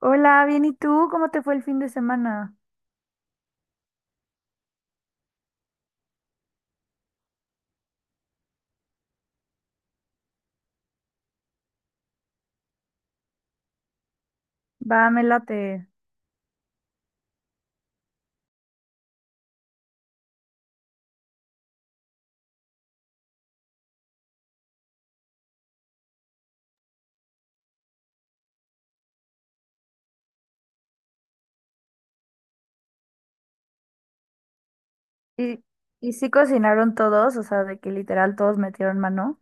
Hola, bien, ¿y tú? ¿Cómo te fue el fin de semana? Va, me late. ¿Y, y sí cocinaron todos? O sea, de que literal todos metieron mano.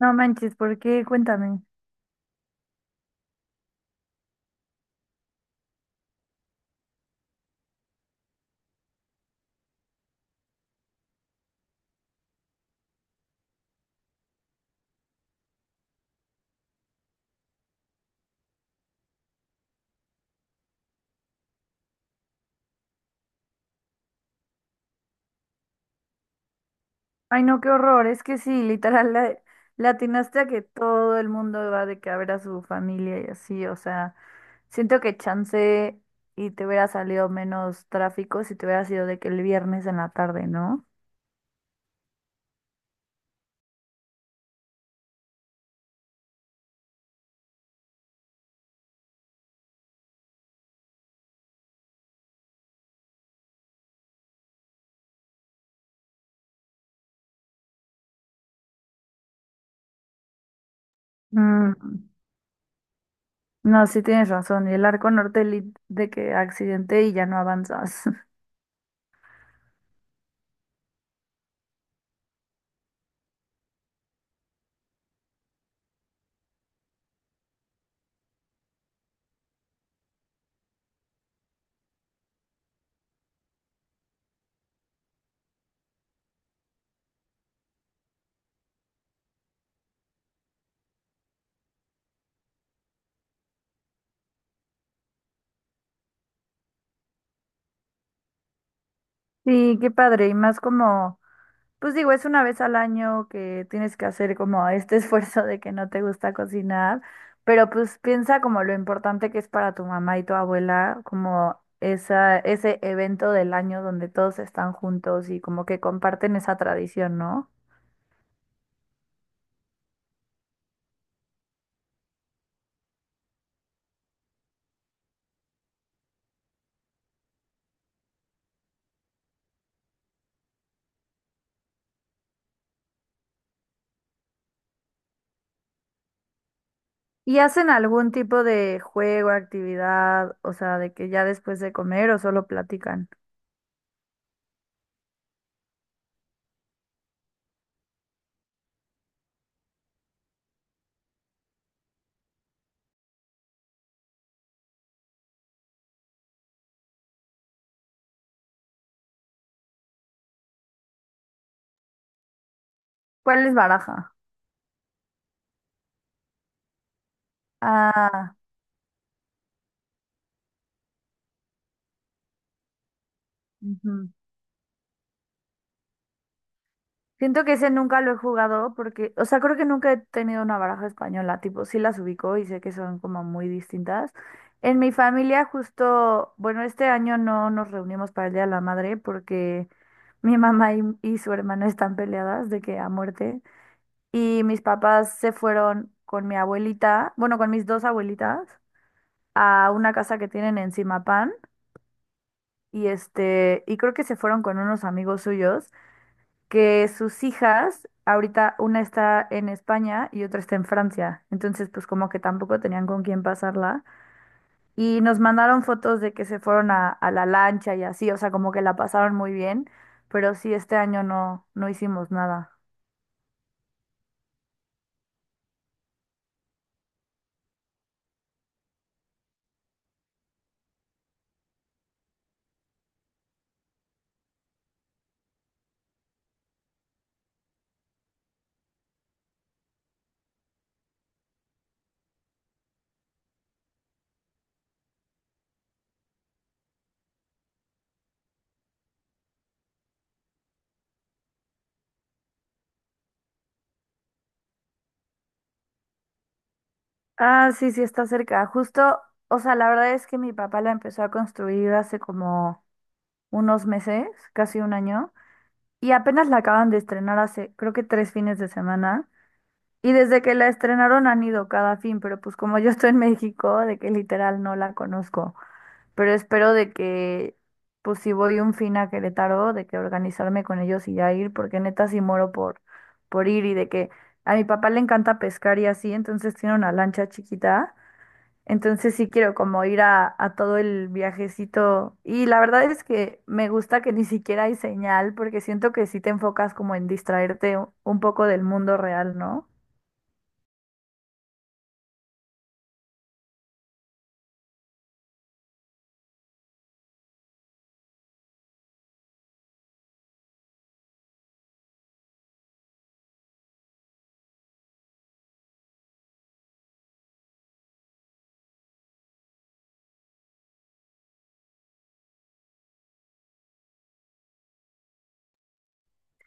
No manches, ¿por qué? Cuéntame. Ay, no, qué horror. Es que sí, literal, le atinaste a que todo el mundo va de que a ver a su familia y así. O sea, siento que chance y te hubiera salido menos tráfico si te hubiera sido de que el viernes en la tarde, ¿no? Mm, no, sí tienes razón. Y el Arco Norte de que accidente y ya no avanzas. Sí, qué padre, y más como, pues digo, es una vez al año que tienes que hacer como este esfuerzo de que no te gusta cocinar, pero pues piensa como lo importante que es para tu mamá y tu abuela, como esa, ese evento del año donde todos están juntos y como que comparten esa tradición, ¿no? ¿Y hacen algún tipo de juego, actividad, o sea, de que ya después de comer o solo platican? ¿Cuál es baraja? Ah, ujú. Siento que ese nunca lo he jugado porque, o sea, creo que nunca he tenido una baraja española, tipo, sí las ubico y sé que son como muy distintas. En mi familia justo, bueno, este año no nos reunimos para el Día de la Madre porque mi mamá y su hermana están peleadas de que a muerte y mis papás se fueron con mi abuelita, bueno, con mis dos abuelitas a una casa que tienen en Zimapán y este, y creo que se fueron con unos amigos suyos que sus hijas, ahorita una está en España y otra está en Francia, entonces pues como que tampoco tenían con quién pasarla y nos mandaron fotos de que se fueron a la lancha y así, o sea, como que la pasaron muy bien, pero sí, este año no, no hicimos nada. Ah, sí, sí, está cerca. Justo, o sea, la verdad es que mi papá la empezó a construir hace como unos meses, casi un año, y apenas la acaban de estrenar hace, creo que tres fines de semana. Y desde que la estrenaron han ido cada fin, pero pues como yo estoy en México, de que literal no la conozco. Pero espero de que, pues si voy un fin a Querétaro, de que organizarme con ellos y ya ir, porque neta sí moro por, ir y de que a mi papá le encanta pescar y así, entonces tiene una lancha chiquita. Entonces sí quiero como ir a todo el viajecito. Y la verdad es que me gusta que ni siquiera hay señal, porque siento que sí te enfocas como en distraerte un poco del mundo real, ¿no?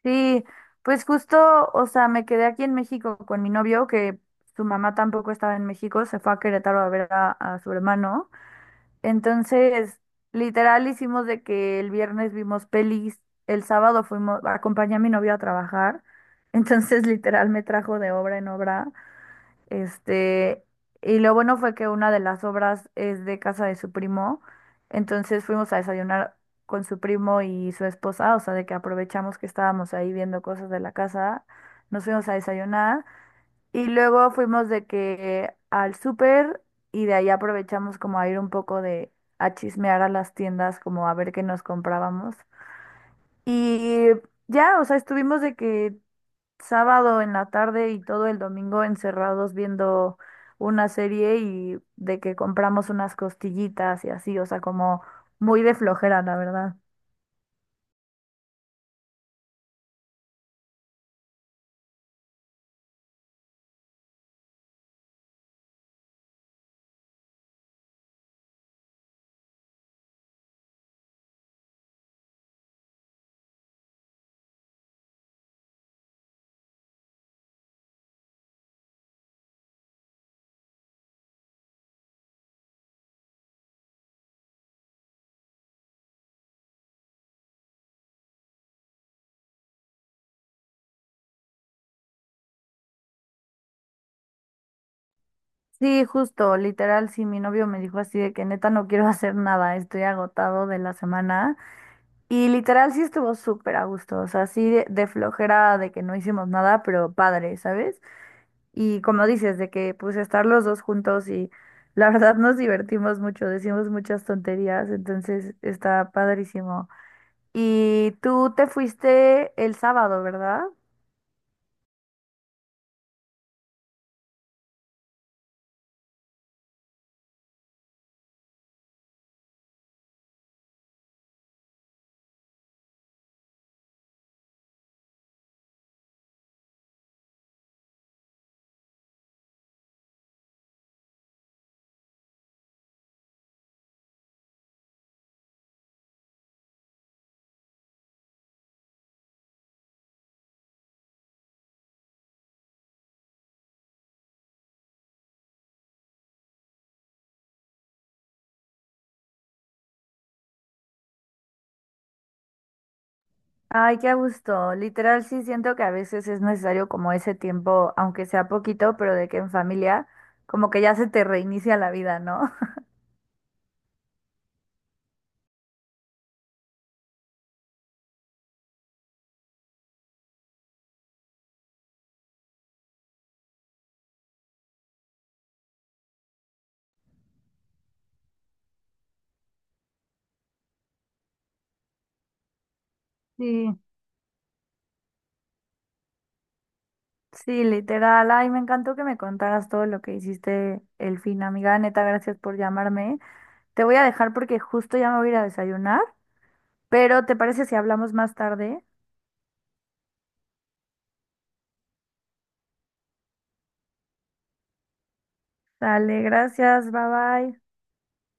Sí, pues justo, o sea, me quedé aquí en México con mi novio, que su mamá tampoco estaba en México, se fue a Querétaro a ver a su hermano. Entonces, literal hicimos de que el viernes vimos pelis, el sábado fuimos, acompañé a mi novio a trabajar. Entonces, literal me trajo de obra en obra. Este, y lo bueno fue que una de las obras es de casa de su primo, entonces fuimos a desayunar con su primo y su esposa, o sea, de que aprovechamos que estábamos ahí viendo cosas de la casa, nos fuimos a desayunar y luego fuimos de que al súper y de ahí aprovechamos como a ir un poco de a chismear a las tiendas, como a ver qué nos comprábamos. Y ya, o sea, estuvimos de que sábado en la tarde y todo el domingo encerrados viendo una serie y de que compramos unas costillitas y así, o sea, como muy de flojera, la verdad. Sí, justo, literal, sí, mi novio me dijo así de que neta no quiero hacer nada, estoy agotado de la semana. Y literal sí estuvo súper a gusto, o sea, sí de, flojera de que no hicimos nada, pero padre, ¿sabes? Y como dices, de que pues estar los dos juntos y la verdad nos divertimos mucho, decimos muchas tonterías, entonces está padrísimo. Y tú te fuiste el sábado, ¿verdad? Ay, qué a gusto. Literal, sí siento que a veces es necesario como ese tiempo, aunque sea poquito, pero de que en familia como que ya se te reinicia la vida, ¿no? Sí, sí, literal. Ay, me encantó que me contaras todo lo que hiciste el fin, amiga. Neta, gracias por llamarme. Te voy a dejar porque justo ya me voy a ir a desayunar, pero ¿te parece si hablamos más tarde? Dale, gracias, bye bye.